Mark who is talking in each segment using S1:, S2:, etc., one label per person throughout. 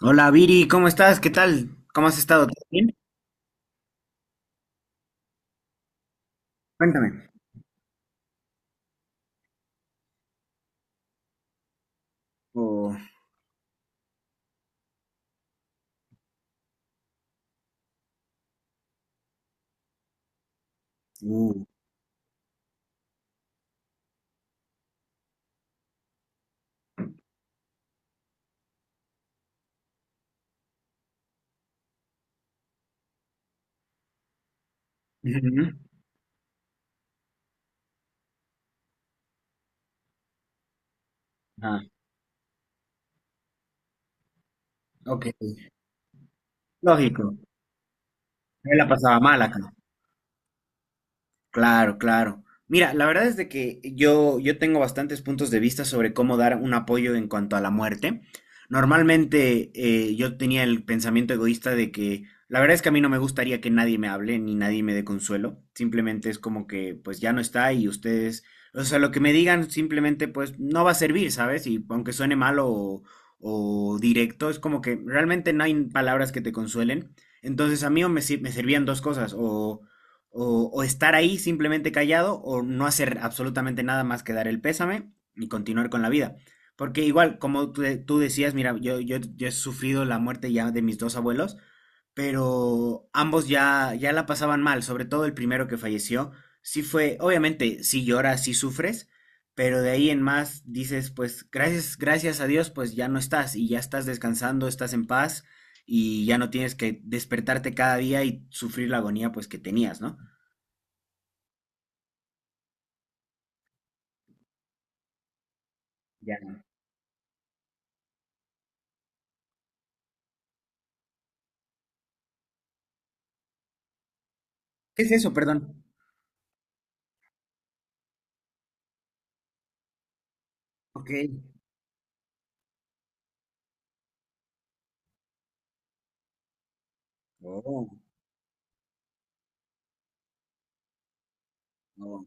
S1: Hola Viri, ¿cómo estás? ¿Qué tal? ¿Cómo has estado? ¿Todo bien? Cuéntame. Oh, uh, ujú. Ah, ok. Lógico. Me la pasaba mal acá. Claro, claro. Mira, la verdad es de que yo tengo bastantes puntos de vista sobre cómo dar un apoyo en cuanto a la muerte. Normalmente yo tenía el pensamiento egoísta de que la verdad es que a mí no me gustaría que nadie me hable ni nadie me dé consuelo. Simplemente es como que pues ya no está y ustedes, o sea, lo que me digan simplemente pues no va a servir, ¿sabes? Y aunque suene malo o directo, es como que realmente no hay palabras que te consuelen. Entonces a mí o me servían dos cosas, o estar ahí simplemente callado o no hacer absolutamente nada más que dar el pésame y continuar con la vida. Porque igual, como tú, tú decías, mira, yo he sufrido la muerte ya de mis dos abuelos, pero ambos ya la pasaban mal, sobre todo el primero que falleció. Sí fue, obviamente, sí lloras, sí sufres, pero de ahí en más dices, pues gracias, gracias a Dios, pues ya no estás y ya estás descansando, estás en paz y ya no tienes que despertarte cada día y sufrir la agonía pues que tenías, ¿no? Ya. ¿Qué es eso? Perdón. Ok. Oh, oh.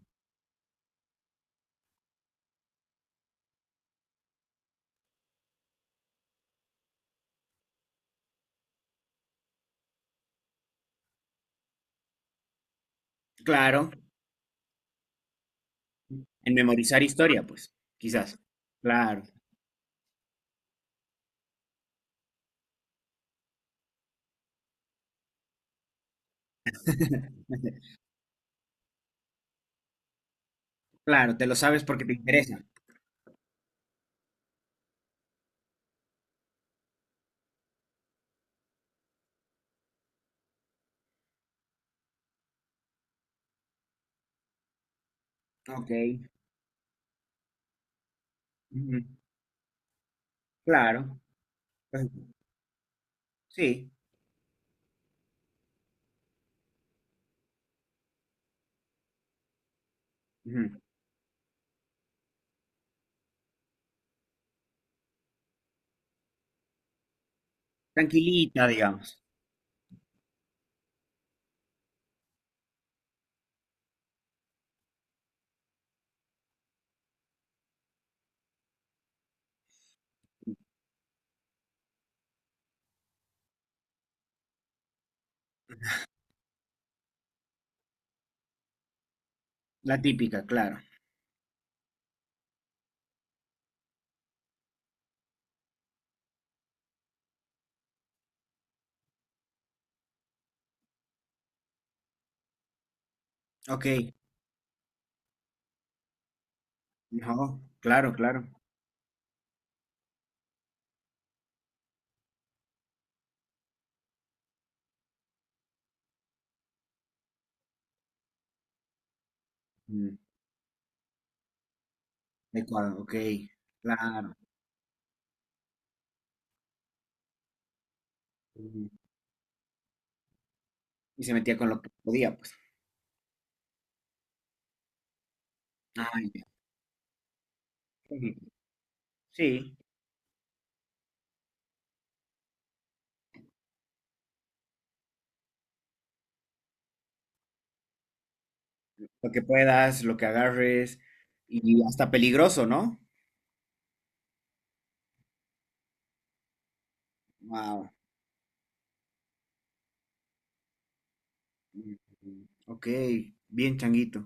S1: Claro. En memorizar historia, pues. Quizás. Claro. Claro, te lo sabes porque te interesa. Ok. Ujú. Claro. Pues, sí. Ujú. Tranquilita, digamos. La típica, claro. Ok. No, claro, claro. Mm, de cuadro, ok. Claro. Ujú. Y se metía con lo que podía, pues. Ah, ya. Ujú. Sí. Lo que puedas, lo que agarres. Y hasta peligroso, ¿no? Wow. Ok, bien changuito.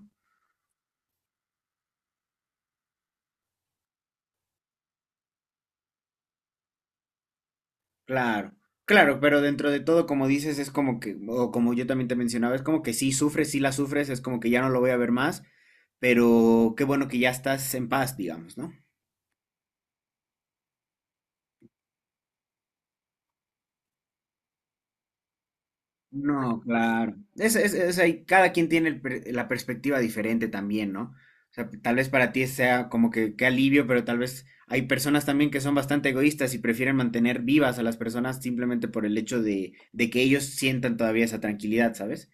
S1: Claro, claro, pero dentro de todo, como dices, es como que, o como yo también te mencionaba, es como que sí sufres, sí la sufres, es como que ya no lo voy a ver más, pero qué bueno que ya estás en paz, digamos, ¿no? No, claro. Es ahí, cada quien tiene el la perspectiva diferente también, ¿no? O sea, tal vez para ti sea como que qué alivio, pero tal vez hay personas también que son bastante egoístas y prefieren mantener vivas a las personas simplemente por el hecho de que ellos sientan todavía esa tranquilidad, ¿sabes?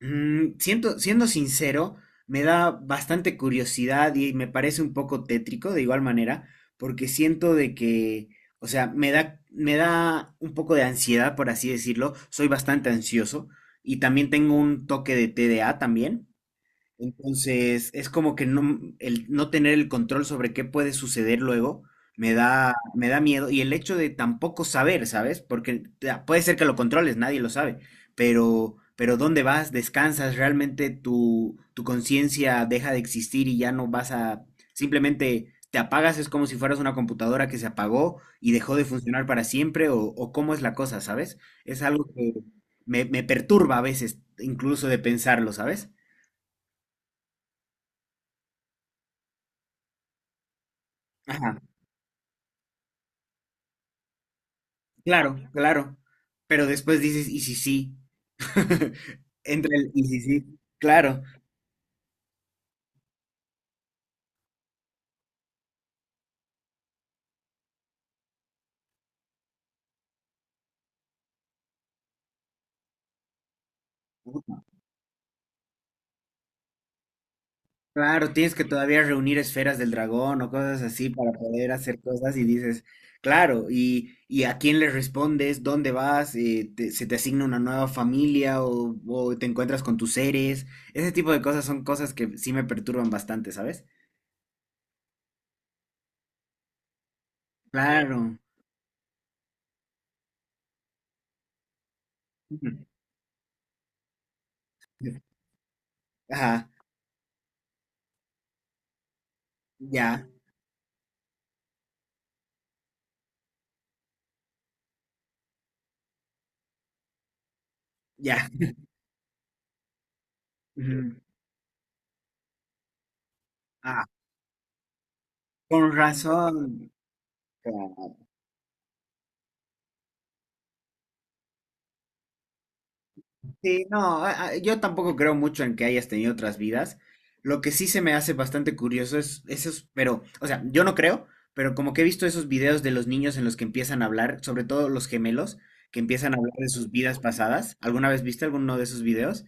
S1: Mm, siendo sincero, me da bastante curiosidad y me parece un poco tétrico de igual manera, porque siento de que, o sea, me da un poco de ansiedad, por así decirlo. Soy bastante ansioso y también tengo un toque de TDA también. Entonces, es como que no, el no tener el control sobre qué puede suceder luego me da miedo. Y el hecho de tampoco saber, ¿sabes? Porque puede ser que lo controles, nadie lo sabe. Pero ¿dónde vas? ¿Descansas? ¿Realmente tu conciencia deja de existir y ya no vas a... Simplemente te apagas, es como si fueras una computadora que se apagó y dejó de funcionar para siempre o cómo es la cosa, ¿sabes? Es algo que me perturba a veces, incluso de pensarlo, ¿sabes? Ajá. Claro, claro. Pero después dices, ¿y si sí? Entre el, ¿y si sí? Claro, claro, tienes que todavía reunir esferas del dragón o cosas así para poder hacer cosas y dices, claro, y a quién le respondes, dónde vas. Se te asigna una nueva familia o te encuentras con tus seres. Ese tipo de cosas son cosas que sí me perturban bastante, ¿sabes? Claro. Ujú. Ajá, ya, ya. Ujú. Ah, con razón. Claro. Sí, no, yo tampoco creo mucho en que hayas tenido otras vidas. Lo que sí se me hace bastante curioso es esos, pero, o sea, yo no creo, pero como que he visto esos videos de los niños en los que empiezan a hablar, sobre todo los gemelos, que empiezan a hablar de sus vidas pasadas. ¿Alguna vez viste alguno de esos videos?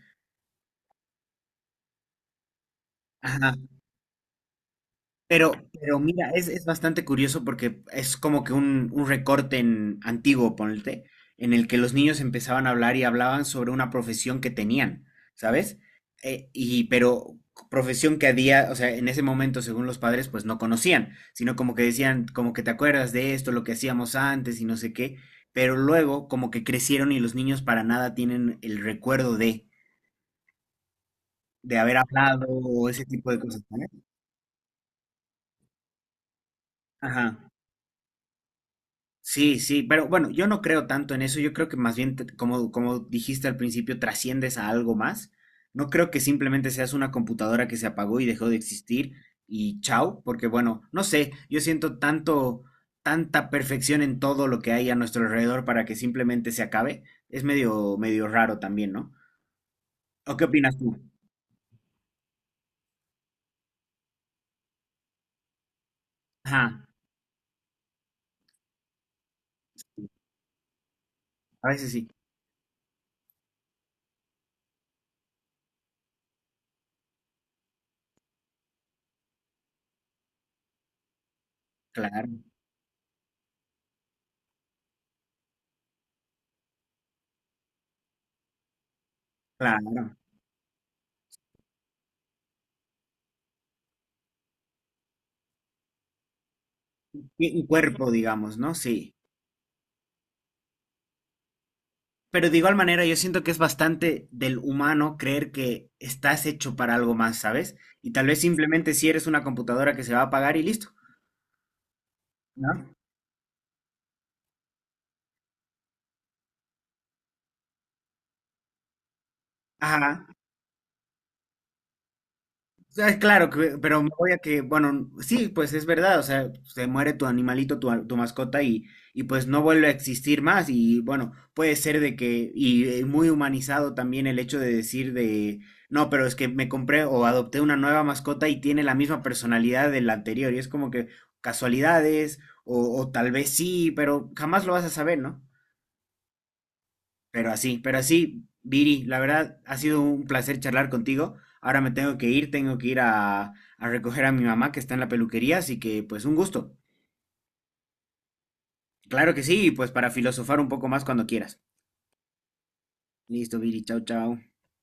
S1: Ajá. Pero, pero mira, es bastante curioso porque es como que un recorte en, antiguo, ponte, en el que los niños empezaban a hablar y hablaban sobre una profesión que tenían, ¿sabes? Y pero profesión que a día, o sea, en ese momento, según los padres, pues no conocían, sino como que decían, como que te acuerdas de esto, lo que hacíamos antes y no sé qué, pero luego como que crecieron y los niños para nada tienen el recuerdo de haber hablado o ese tipo de cosas, ¿sabes? Ajá. Sí, sí, pero bueno, yo no creo tanto en eso, yo creo que más bien, como, como dijiste al principio, trasciendes a algo más. No creo que simplemente seas una computadora que se apagó y dejó de existir y chao, porque bueno, no sé, yo siento tanto, tanta perfección en todo lo que hay a nuestro alrededor para que simplemente se acabe. Es medio, medio raro también, ¿no? ¿O qué opinas tú? Ajá, a veces sí, claro, claro. Y un cuerpo, digamos, ¿no? Sí. Pero de igual manera, yo siento que es bastante del humano creer que estás hecho para algo más, ¿sabes? Y tal vez simplemente si eres una computadora que se va a apagar y listo, ¿no? Ajá. Sea, claro, pero me voy a que, bueno, sí, pues es verdad, o sea, se muere tu animalito, tu, tu mascota y pues no vuelve a existir más y bueno, puede ser de que, y muy humanizado también el hecho de decir de, no, pero es que me compré o adopté una nueva mascota y tiene la misma personalidad de la anterior y es como que casualidades o tal vez sí, pero jamás lo vas a saber, ¿no? Pero así, Viri, la verdad ha sido un placer charlar contigo. Ahora me tengo que ir a recoger a mi mamá que está en la peluquería, así que pues un gusto. Claro que sí, y pues para filosofar un poco más cuando quieras. Listo, Viri, chao, chao.